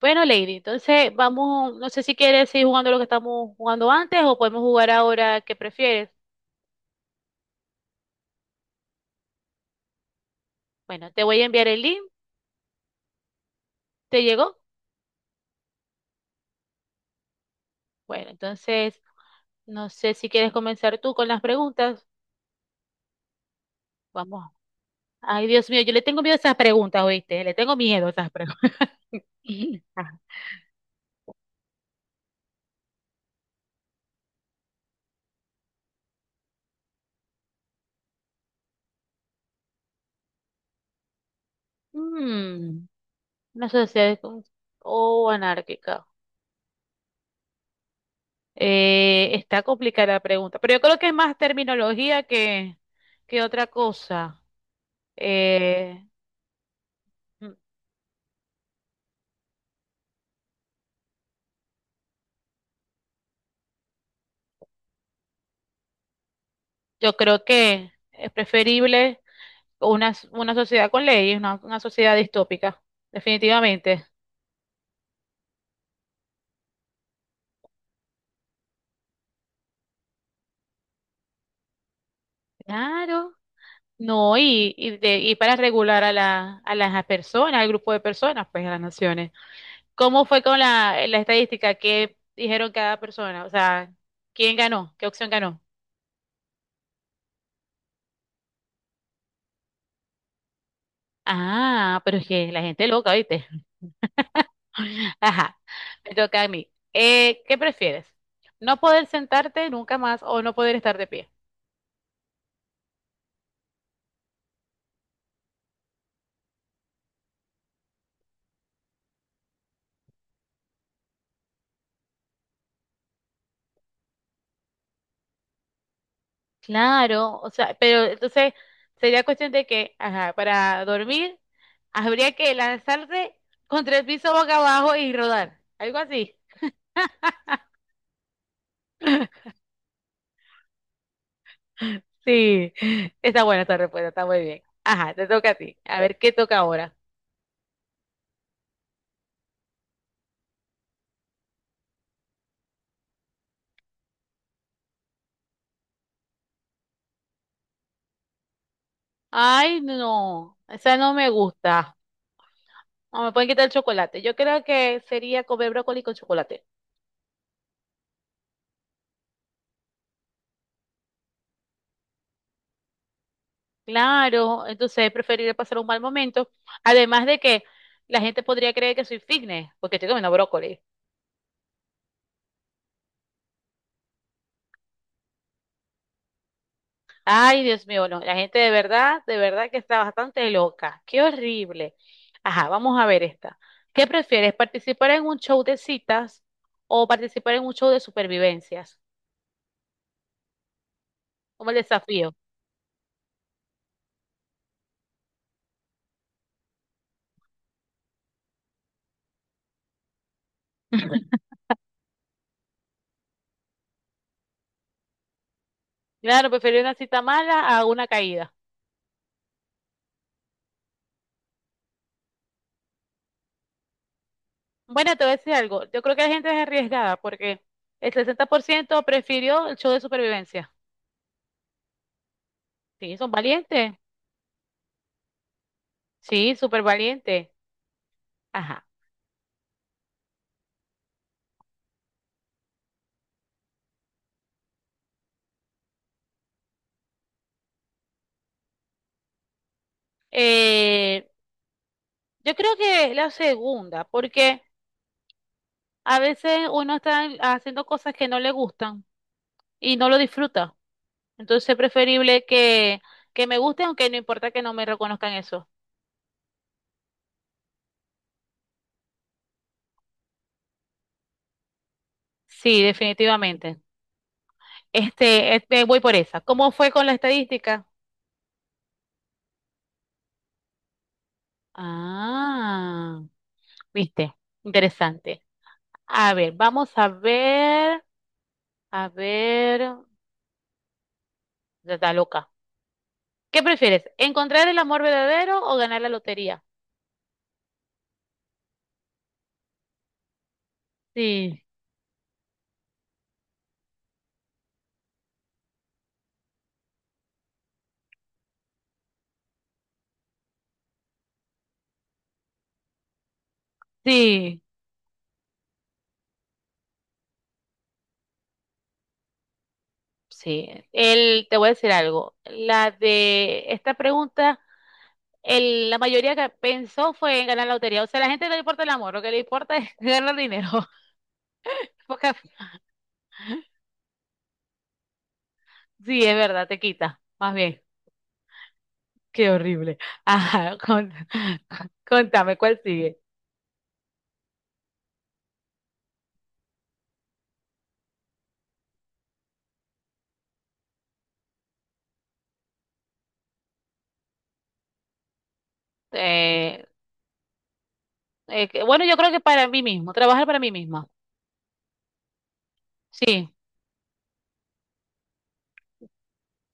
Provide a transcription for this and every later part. Bueno, Lady, entonces vamos, no sé si quieres seguir jugando lo que estamos jugando antes o podemos jugar ahora que prefieres. Bueno, te voy a enviar el link, ¿te llegó? Bueno, entonces no sé si quieres comenzar tú con las preguntas. Vamos. Ay, Dios mío, yo le tengo miedo a esas preguntas, ¿oíste? Le tengo miedo a esas preguntas. Ah. Mm, una sociedad con- o anárquica. Está complicada la pregunta, pero yo creo que es más terminología que otra cosa. Eh, Yo creo que es preferible una sociedad con leyes, una sociedad distópica, definitivamente. Claro, no, y para regular a las personas, al grupo de personas, pues a las naciones. ¿Cómo fue con la estadística? ¿Qué dijeron cada persona? O sea, ¿quién ganó? ¿Qué opción ganó? Ah, pero es que la gente es loca, ¿viste? Ajá, me toca a mí. ¿Qué prefieres? ¿No poder sentarte nunca más o no poder estar de pie? Claro, o sea, pero entonces sería cuestión de que, ajá, para dormir habría que lanzarse contra el piso boca abajo y rodar, algo así. Sí, está buena esta respuesta, está muy bien. Ajá, te toca a ti. A ver, ¿qué toca ahora? Ay, no, esa no me gusta. No, me pueden quitar el chocolate. Yo creo que sería comer brócoli con chocolate. Claro, entonces preferiría pasar un mal momento. Además de que la gente podría creer que soy fitness porque estoy comiendo brócoli. Ay, Dios mío, no, la gente de verdad que está bastante loca. Qué horrible. Ajá, vamos a ver esta. ¿Qué prefieres, participar en un show de citas o participar en un show de supervivencias? Como el desafío. Claro, prefiero una cita mala a una caída. Bueno, te voy a decir algo. Yo creo que la gente es arriesgada porque el 60% prefirió el show de supervivencia. Sí, son valientes. Sí, súper valientes. Ajá. Eh, yo creo que la segunda, porque a veces uno está haciendo cosas que no le gustan y no lo disfruta. Entonces es preferible que me guste, aunque no importa que no me reconozcan eso. Sí, definitivamente. Voy por esa. ¿Cómo fue con la estadística? Ah, viste, interesante. A ver, vamos a ver, ya está loca. ¿Qué prefieres? ¿Encontrar el amor verdadero o ganar la lotería? Sí, sí, sí, te voy a decir algo. La de esta pregunta, la mayoría que pensó fue en ganar la lotería. O sea, a la gente no le importa el amor, lo que le importa es ganar dinero. Porque- sí, es verdad, te quita. Más bien, qué horrible. Ajá, contame, ¿cuál sigue? Eh, bueno, yo creo que para mí mismo, trabajar para mí misma. Sí,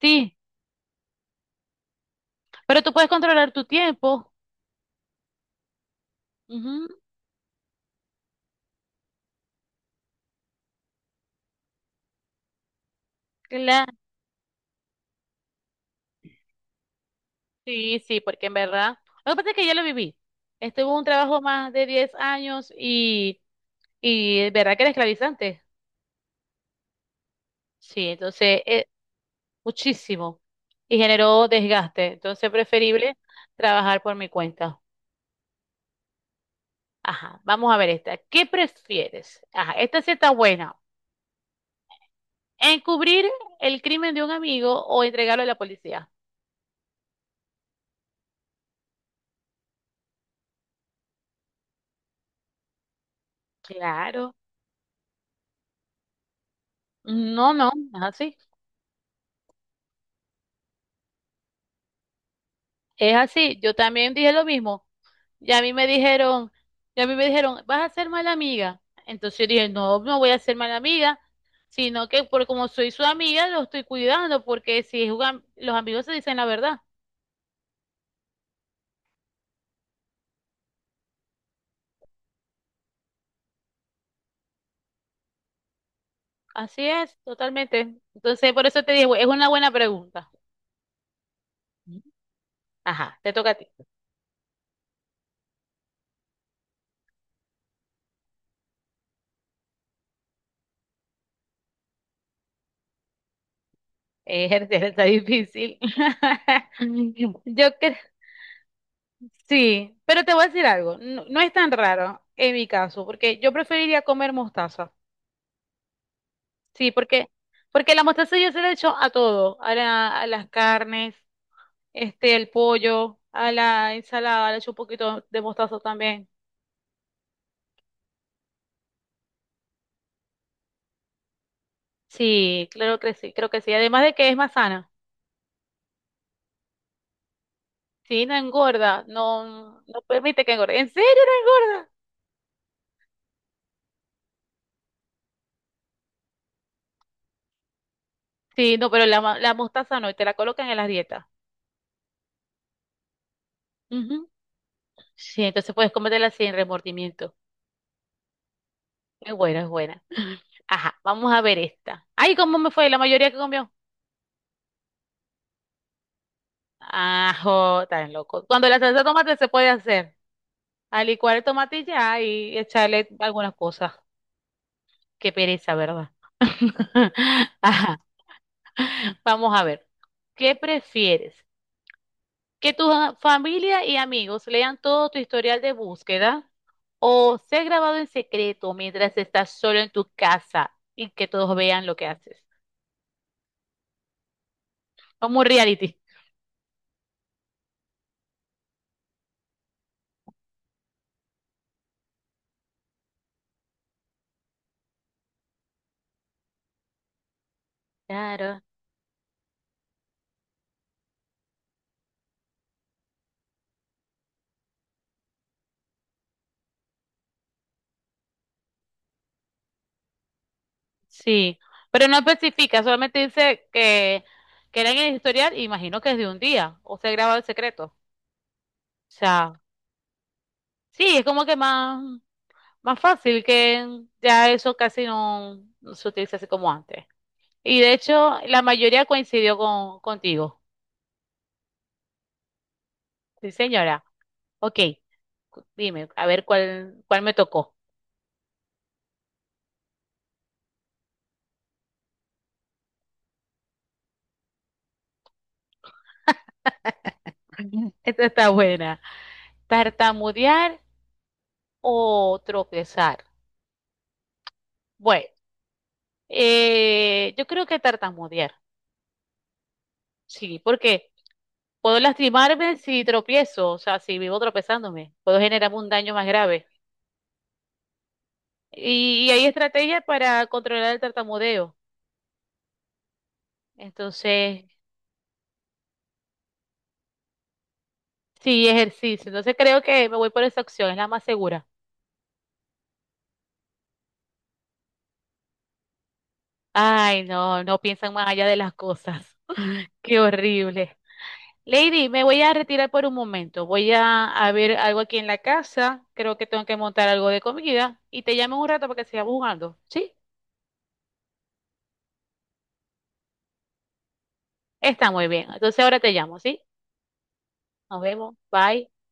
sí, pero tú puedes controlar tu tiempo. Ujú, sí, sí, porque en verdad, lo que pasa es que ya lo viví. Estuve en un trabajo más de 10 años y es verdad que era esclavizante. Sí, entonces, muchísimo. Y generó desgaste. Entonces, preferible trabajar por mi cuenta. Ajá, vamos a ver esta. ¿Qué prefieres? Ajá, esta sí está buena. ¿Encubrir el crimen de un amigo o entregarlo a la policía? Claro. No, no, es así. Es así, yo también dije lo mismo. Y a mí me dijeron, y a mí me dijeron, vas a ser mala amiga. Entonces yo dije, no, no voy a ser mala amiga, sino que por como soy su amiga, lo estoy cuidando, porque si juegan, los amigos se dicen la verdad. Así es, totalmente. Entonces, por eso te dije, es una buena pregunta. Ajá, te toca a ti. Está difícil. Yo que sí, pero te voy a decir algo, no, no es tan raro en mi caso, porque yo preferiría comer mostaza. Sí, porque la mostaza yo se la echo a todo, a las carnes, este, el pollo, a la ensalada, le echo un poquito de mostaza también. Sí, claro que sí, creo que sí. Además de que es más sana. Sí, no engorda, no permite que engorde. ¿En serio no engorda? Sí, no, pero la mostaza no, y te la colocan en las dietas. Ujú. Sí, entonces puedes comértela sin remordimiento. Es buena, es buena. Ajá, vamos a ver esta. Ay, ¿cómo me fue? La mayoría que comió. Ajo, tan loco. Cuando la salsa de tomate se puede hacer, a licuar el tomate y ya y echarle algunas cosas. Qué pereza, ¿verdad? Ajá. Vamos a ver. ¿Qué prefieres? ¿Que tu familia y amigos lean todo tu historial de búsqueda o ser grabado en secreto mientras estás solo en tu casa y que todos vean lo que haces? Como un reality. Claro. Sí, pero no especifica, solamente dice que era en el historial, imagino que es de un día, o se graba el secreto. O sea, sí, es como que más fácil que ya eso casi no se utiliza así como antes. Y de hecho, la mayoría coincidió contigo. Sí, señora. Ok, dime, a ver cuál me tocó. Esta está buena. ¿Tartamudear o tropezar? Bueno, yo creo que tartamudear. Sí, porque puedo lastimarme si tropiezo, o sea, si vivo tropezándome, puedo generarme un daño más grave. Y hay estrategias para controlar el tartamudeo. Entonces, sí, ejercicio. Entonces creo que me voy por esa opción, es la más segura. Ay, no, no piensan más allá de las cosas. Qué horrible. Lady, me voy a retirar por un momento. Voy a ver algo aquí en la casa. Creo que tengo que montar algo de comida. Y te llamo en un rato para que sigamos jugando. ¿Sí? Está muy bien. Entonces ahora te llamo, ¿sí? Nos vemos. Bye.